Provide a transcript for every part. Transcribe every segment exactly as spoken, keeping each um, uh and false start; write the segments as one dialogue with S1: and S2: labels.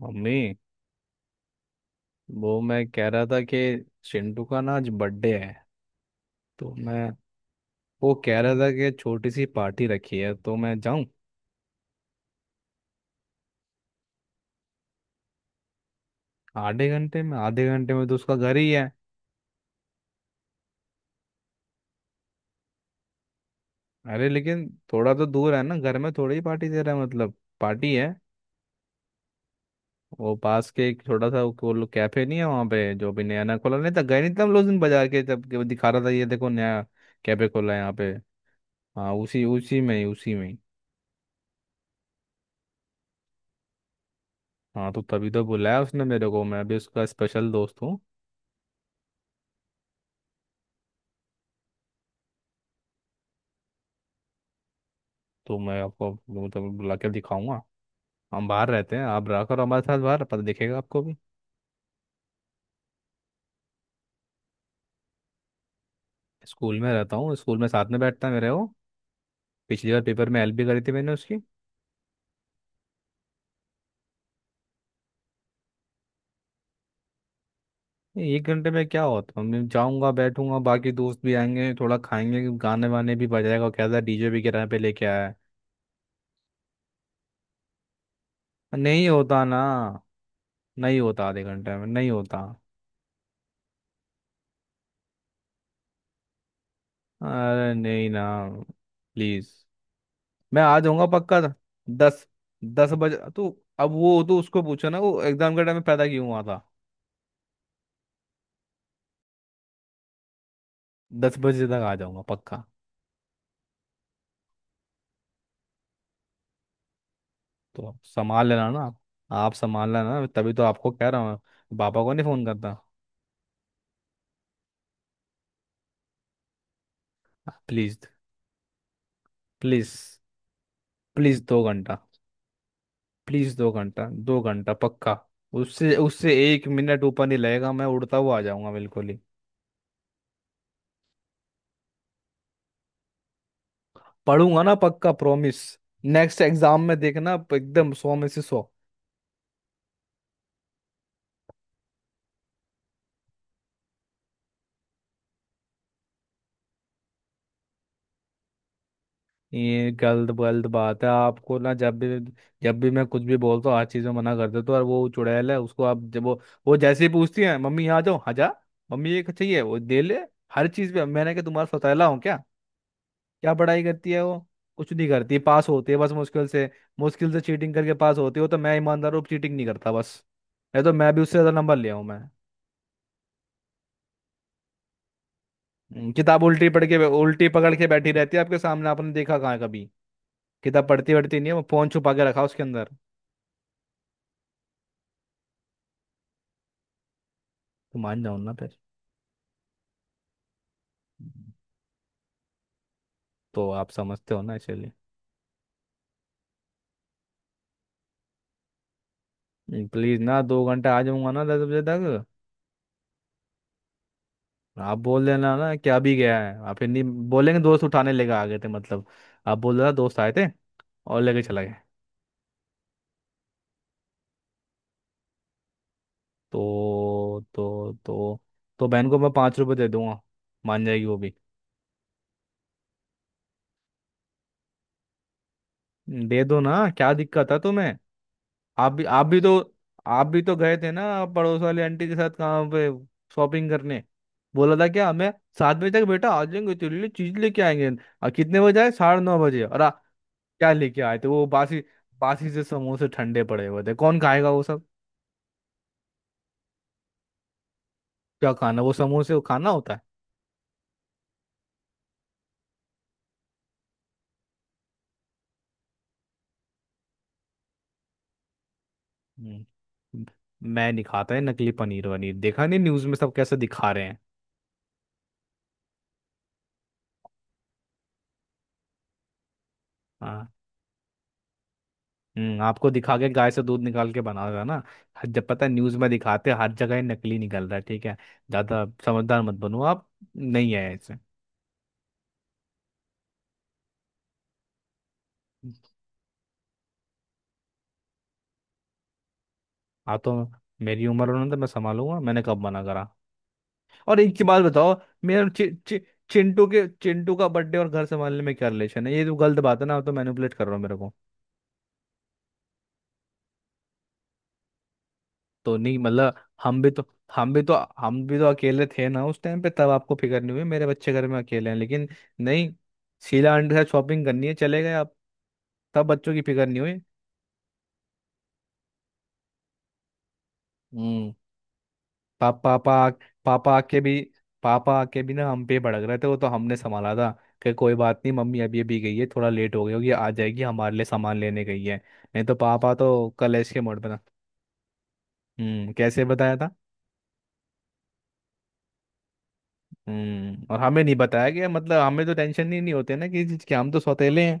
S1: Mummy. वो मैं कह रहा था कि चिंटू का ना आज बर्थडे है। तो मैं वो कह रहा था कि छोटी सी पार्टी रखी है तो मैं जाऊं। आधे घंटे में? आधे घंटे में तो उसका घर ही है। अरे लेकिन थोड़ा तो दूर है ना। घर में थोड़ी ही पार्टी दे रहा है मतलब। पार्टी है। वो पास के एक छोटा सा, वो वो लोग कैफे नहीं है वहाँ पे, जो भी नया नया खोला। नहीं था गए नहीं थे हम लोग उस दिन बाजार के, जब के वो दिखा रहा था, ये देखो नया कैफे खोला है यहाँ पे। हाँ, उसी उसी में ही उसी में ही। हाँ तो तभी तो बुलाया उसने मेरे को, मैं भी उसका स्पेशल दोस्त हूँ। तो मैं आपको मतलब बुला के दिखाऊंगा। हम बाहर रहते हैं, आप रहा करो हमारे साथ बाहर, पता दिखेगा आपको भी। स्कूल में रहता हूँ, स्कूल में साथ में बैठता है मेरे वो। पिछली बार पेपर में हेल्प भी करी थी मैंने उसकी। एक घंटे में क्या होता है? मैं जाऊंगा, बैठूंगा, बाकी दोस्त भी आएंगे, थोड़ा खाएंगे, गाने वाने भी बजाएगा, क्या था, डीजे भी किराए पे लेके आया है। नहीं होता ना, नहीं होता, आधे घंटे में नहीं होता। अरे नहीं ना, प्लीज, मैं आ जाऊंगा पक्का। दस दस बजे तो। अब वो तो उसको पूछो ना, वो एग्जाम के टाइम में पैदा क्यों हुआ था। दस बजे तक आ जाऊंगा पक्का। तो आप संभाल लेना ना आप। आप संभाल लेना, तभी तो आपको कह रहा हूँ, पापा को नहीं फोन करता। प्लीज। प्लीज। प्लीज दो घंटा। प्लीज दो घंटा, दो घंटा पक्का। उससे उससे एक मिनट ऊपर नहीं लगेगा, मैं उड़ता हुआ आ जाऊंगा बिल्कुल ही। पढ़ूंगा ना, पक्का प्रॉमिस। नेक्स्ट एग्जाम में देखना, एकदम सौ में से सौ। ये गलत गलत बात है। आपको ना, जब भी, जब भी मैं कुछ भी बोलता हूँ, हर चीज़ में मना कर देता हूँ। और वो चुड़ैल है, उसको आप, जब वो वो जैसे ही पूछती है मम्मी यहाँ जाओ, हाँ जा। मम्मी ये चाहिए, वो दे ले। हर चीज़ पे, मैंने कहा तुम्हारा सौतेला हूँ क्या? क्या पढ़ाई करती है वो? कुछ नहीं करती, पास होती है बस मुश्किल से। मुश्किल से चीटिंग करके पास होती हो। तो मैं ईमानदार हूँ, चीटिंग नहीं करता बस। नहीं तो मैं भी उससे ज़्यादा नंबर ले आऊँ मैं। हम्म, किताब उल्टी पढ़ के, उल्टी पकड़ के बैठी रहती है आपके सामने, आपने देखा कहाँ है कभी? किताब पढ़ती पढ़ती नहीं है वो, फोन छुपा के रखा उसके अंदर। तो मान जाओ ना फिर। तो आप समझते हो ना, चलिए। प्लीज ना, दो घंटा आ जाऊंगा ना दस बजे तक। आप बोल देना ना कि अभी गया है, आप फिर नहीं बोलेंगे, दोस्त उठाने लेके आ गए थे मतलब। आप बोल देना दोस्त आए थे और लेके चला गए। तो तो तो तो बहन को मैं पाँच रुपये दे दूंगा, मान जाएगी वो भी। दे दो ना, क्या दिक्कत है तुम्हें? आप भी आप भी तो आप भी तो गए थे ना पड़ोस वाली आंटी के साथ, कहाँ पे, शॉपिंग करने। बोला था क्या हमें? सात बजे तक बेटा आ जाएंगे तेरे लिए चीज लेके आएंगे। और कितने बजे आए? साढ़े नौ बजे। और आ, क्या लेके आए थे, वो बासी बासी से समोसे, ठंडे पड़े हुए थे, कौन खाएगा वो सब? क्या खाना, वो समोसे वो खाना होता है? हम्म, मैं नहीं खाता है नकली पनीर वनीर। देखा नहीं न्यूज में सब कैसे दिखा रहे हैं। हाँ। हम्म आपको दिखा के गाय से दूध निकाल के बना रहा है ना। हर- जब पता है न्यूज़ में दिखाते हैं, हर जगह ये नकली निकल रहा है, ठीक है। ज़्यादा समझदार मत बनो आप। नहीं है ऐसे। हाँ तो मेरी उम्र होने तो मैं संभालूंगा, मैंने कब मना करा। और एक की बात बताओ। मेरा चि, चि, चिंटू के चिंटू का बर्थडे और घर संभालने में क्या रिलेशन है? ये तो गलत बात है ना, आप तो मैनिपुलेट कर रहे हो मेरे को। तो नहीं मतलब हम भी तो, हम भी तो हम भी तो अकेले थे ना उस टाइम पे। तब आपको फिक्र नहीं हुई मेरे बच्चे घर में अकेले हैं, लेकिन नहीं, शीला आंटी से शॉपिंग करनी है चले गए आप, तब बच्चों की फिक्र नहीं हुई। हम्म पा, पापा पापा आके भी, पापा आके भी ना हम पे भड़क रहे थे, वो तो हमने संभाला था, कि कोई बात नहीं मम्मी, अभी अभी गई है, थोड़ा लेट हो गई होगी, आ जाएगी, हमारे लिए सामान लेने गई है। नहीं तो पापा तो कलेश के मोड़ पे था। हम्म कैसे बताया था? हम्म और हमें नहीं बताया गया, मतलब हमें तो टेंशन ही नहीं होते ना किसी चीज के, हम तो सौतेले हैं।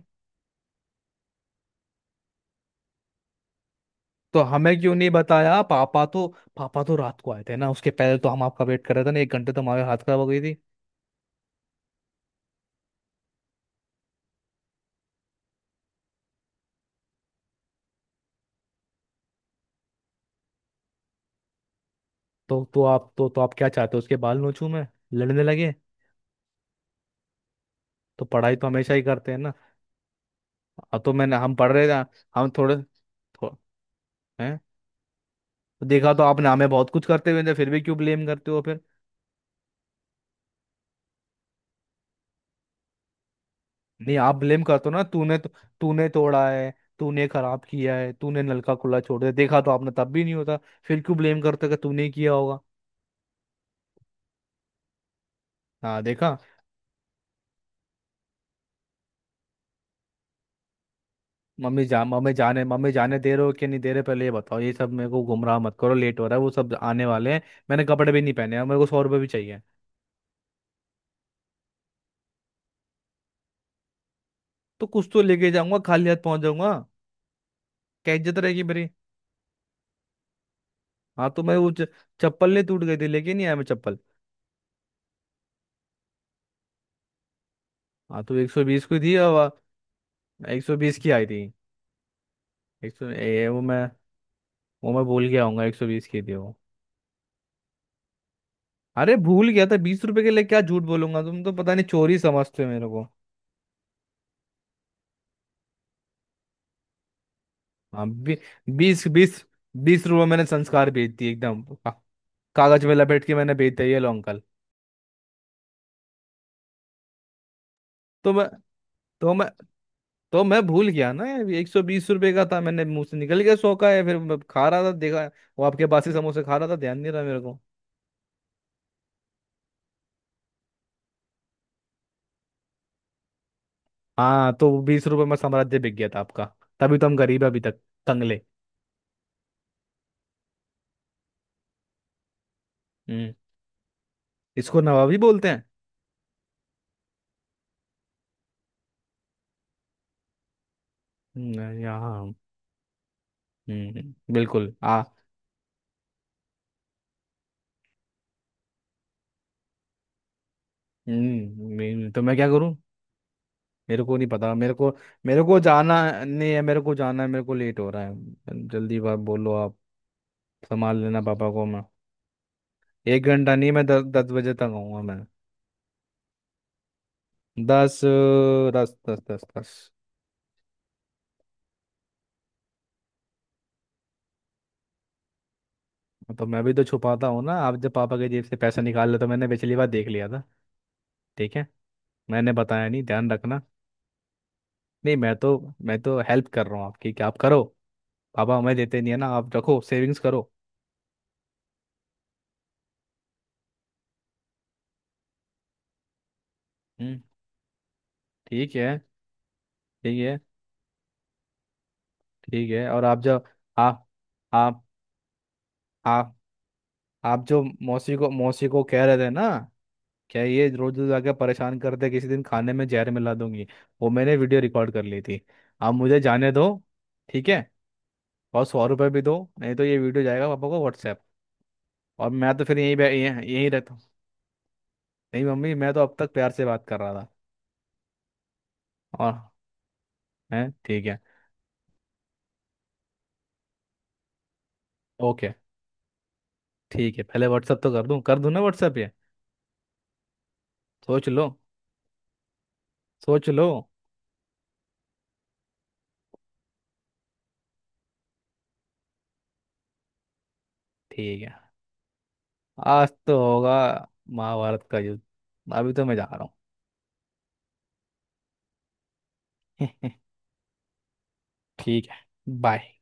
S1: तो हमें क्यों नहीं बताया? पापा तो, पापा तो रात को आए थे ना, उसके पहले तो हम आपका वेट कर रहे थे ना, एक घंटे तो हमारे हाथ खराब हो गई थी। तो तो आप तो तो आप क्या चाहते हो, उसके बाल नोचूं मैं, लड़ने लगे। तो पढ़ाई तो हमेशा ही करते हैं ना। आ, तो मैंने, हम पढ़ रहे थे। हम थोड़े, थो, हैं। तो देखा तो आपने हमें बहुत कुछ करते हुए थे, फिर भी क्यों ब्लेम करते हो फिर? नहीं आप ब्लेम करते हो ना, तूने तो, तूने तोड़ा है, तूने खराब किया है, तूने नलका खुला छोड़ दिया, देखा तो आपने तब भी नहीं होता, फिर क्यों ब्लेम करते हो कि तूने ही किया होगा। हाँ देखा। मम्मी जा मम्मी जाने मम्मी जाने दे रहे हो कि नहीं दे रहे, पहले ये बताओ, ये सब मेरे को गुमराह मत करो, लेट हो रहा है, वो सब आने वाले हैं। मैंने कपड़े भी नहीं पहने हैं, मेरे को सौ रुपये भी चाहिए। तो कुछ तो लेके जाऊंगा, खाली हाथ पहुंच जाऊंगा, क्या इज्जत रहेगी मेरी। हाँ तो मैं वो च- चप्पल नहीं टूट गई थी, लेके नहीं आया मैं चप्पल। हाँ तो एक सौ बीस की थी और। एक सौ बीस की आई थी। एक सौ ये वो मैं वो मैं भूल गया हूँ, एक सौ बीस की थी वो। अरे भूल गया था, बीस रुपए के लिए क्या झूठ बोलूंगा, तुम तो पता नहीं चोरी समझते हो मेरे को। हाँ बी, बीस, बीस बीस रुपए मैंने संस्कार बेच दिए। एकदम का, कागज में लपेट के मैंने बेच दिया, ये लो अंकल। तो मैं तो मैं तो मैं भूल गया ना, एक सौ बीस रुपए का था, मैंने मुंह से निकल गया सौ का है, फिर मैं खा रहा था देखा, वो आपके बासी समोसे खा रहा था, ध्यान नहीं रहा मेरे को। हाँ तो बीस रुपए में साम्राज्य बिक गया था आपका, तभी तो हम गरीब हैं अभी तक। कंगले। हम्म इसको नवाबी बोलते हैं। हम्म, यहाँ। हम्म बिल्कुल आ हम्म मैं- तो मैं क्या करूं, मेरे को नहीं पता, मेरे को, मेरे को जाना नहीं है, मेरे को जाना है, मेरे को लेट हो रहा है, जल्दी बात बोलो आप। संभाल लेना पापा को मैं। एक घंटा नहीं, मैं दस दस बजे तक आऊंगा मैं। दस अ, दस दस दस दस तो मैं भी तो छुपाता हूँ ना। आप जब पापा के जेब से पैसा निकाल ले तो मैंने पिछली बार देख लिया था। ठीक है, मैंने बताया नहीं, ध्यान रखना। नहीं, मैं तो मैं तो हेल्प कर रहा हूँ आपकी कि आप करो। पापा हमें देते नहीं है ना, आप रखो सेविंग्स करो। हम्म। ठीक है। ठीक है। ठीक है। और आप जो, आप आप आप आप जो मौसी को मौसी को कह रहे थे ना, क्या ये रोज रोज आके परेशान करते, किसी दिन खाने में जहर मिला दूंगी, वो मैंने वीडियो रिकॉर्ड कर ली थी। आप मुझे जाने दो, ठीक है, और सौ रुपये भी दो, नहीं तो ये वीडियो जाएगा पापा को व्हाट्सएप। और मैं तो फिर यहीं बै- यहीं यहीं रहता हूँ। नहीं मम्मी, मैं तो अब तक प्यार से बात कर रहा था। और है, ठीक है। ओके। ठीक है। पहले व्हाट्सएप तो कर दूँ कर दूँ ना, व्हाट्सएप ये। सोच लो। सोच लो। ठीक है। आज तो होगा महाभारत का युद्ध। अभी तो मैं जा रहा हूँ। ठीक है। बाय।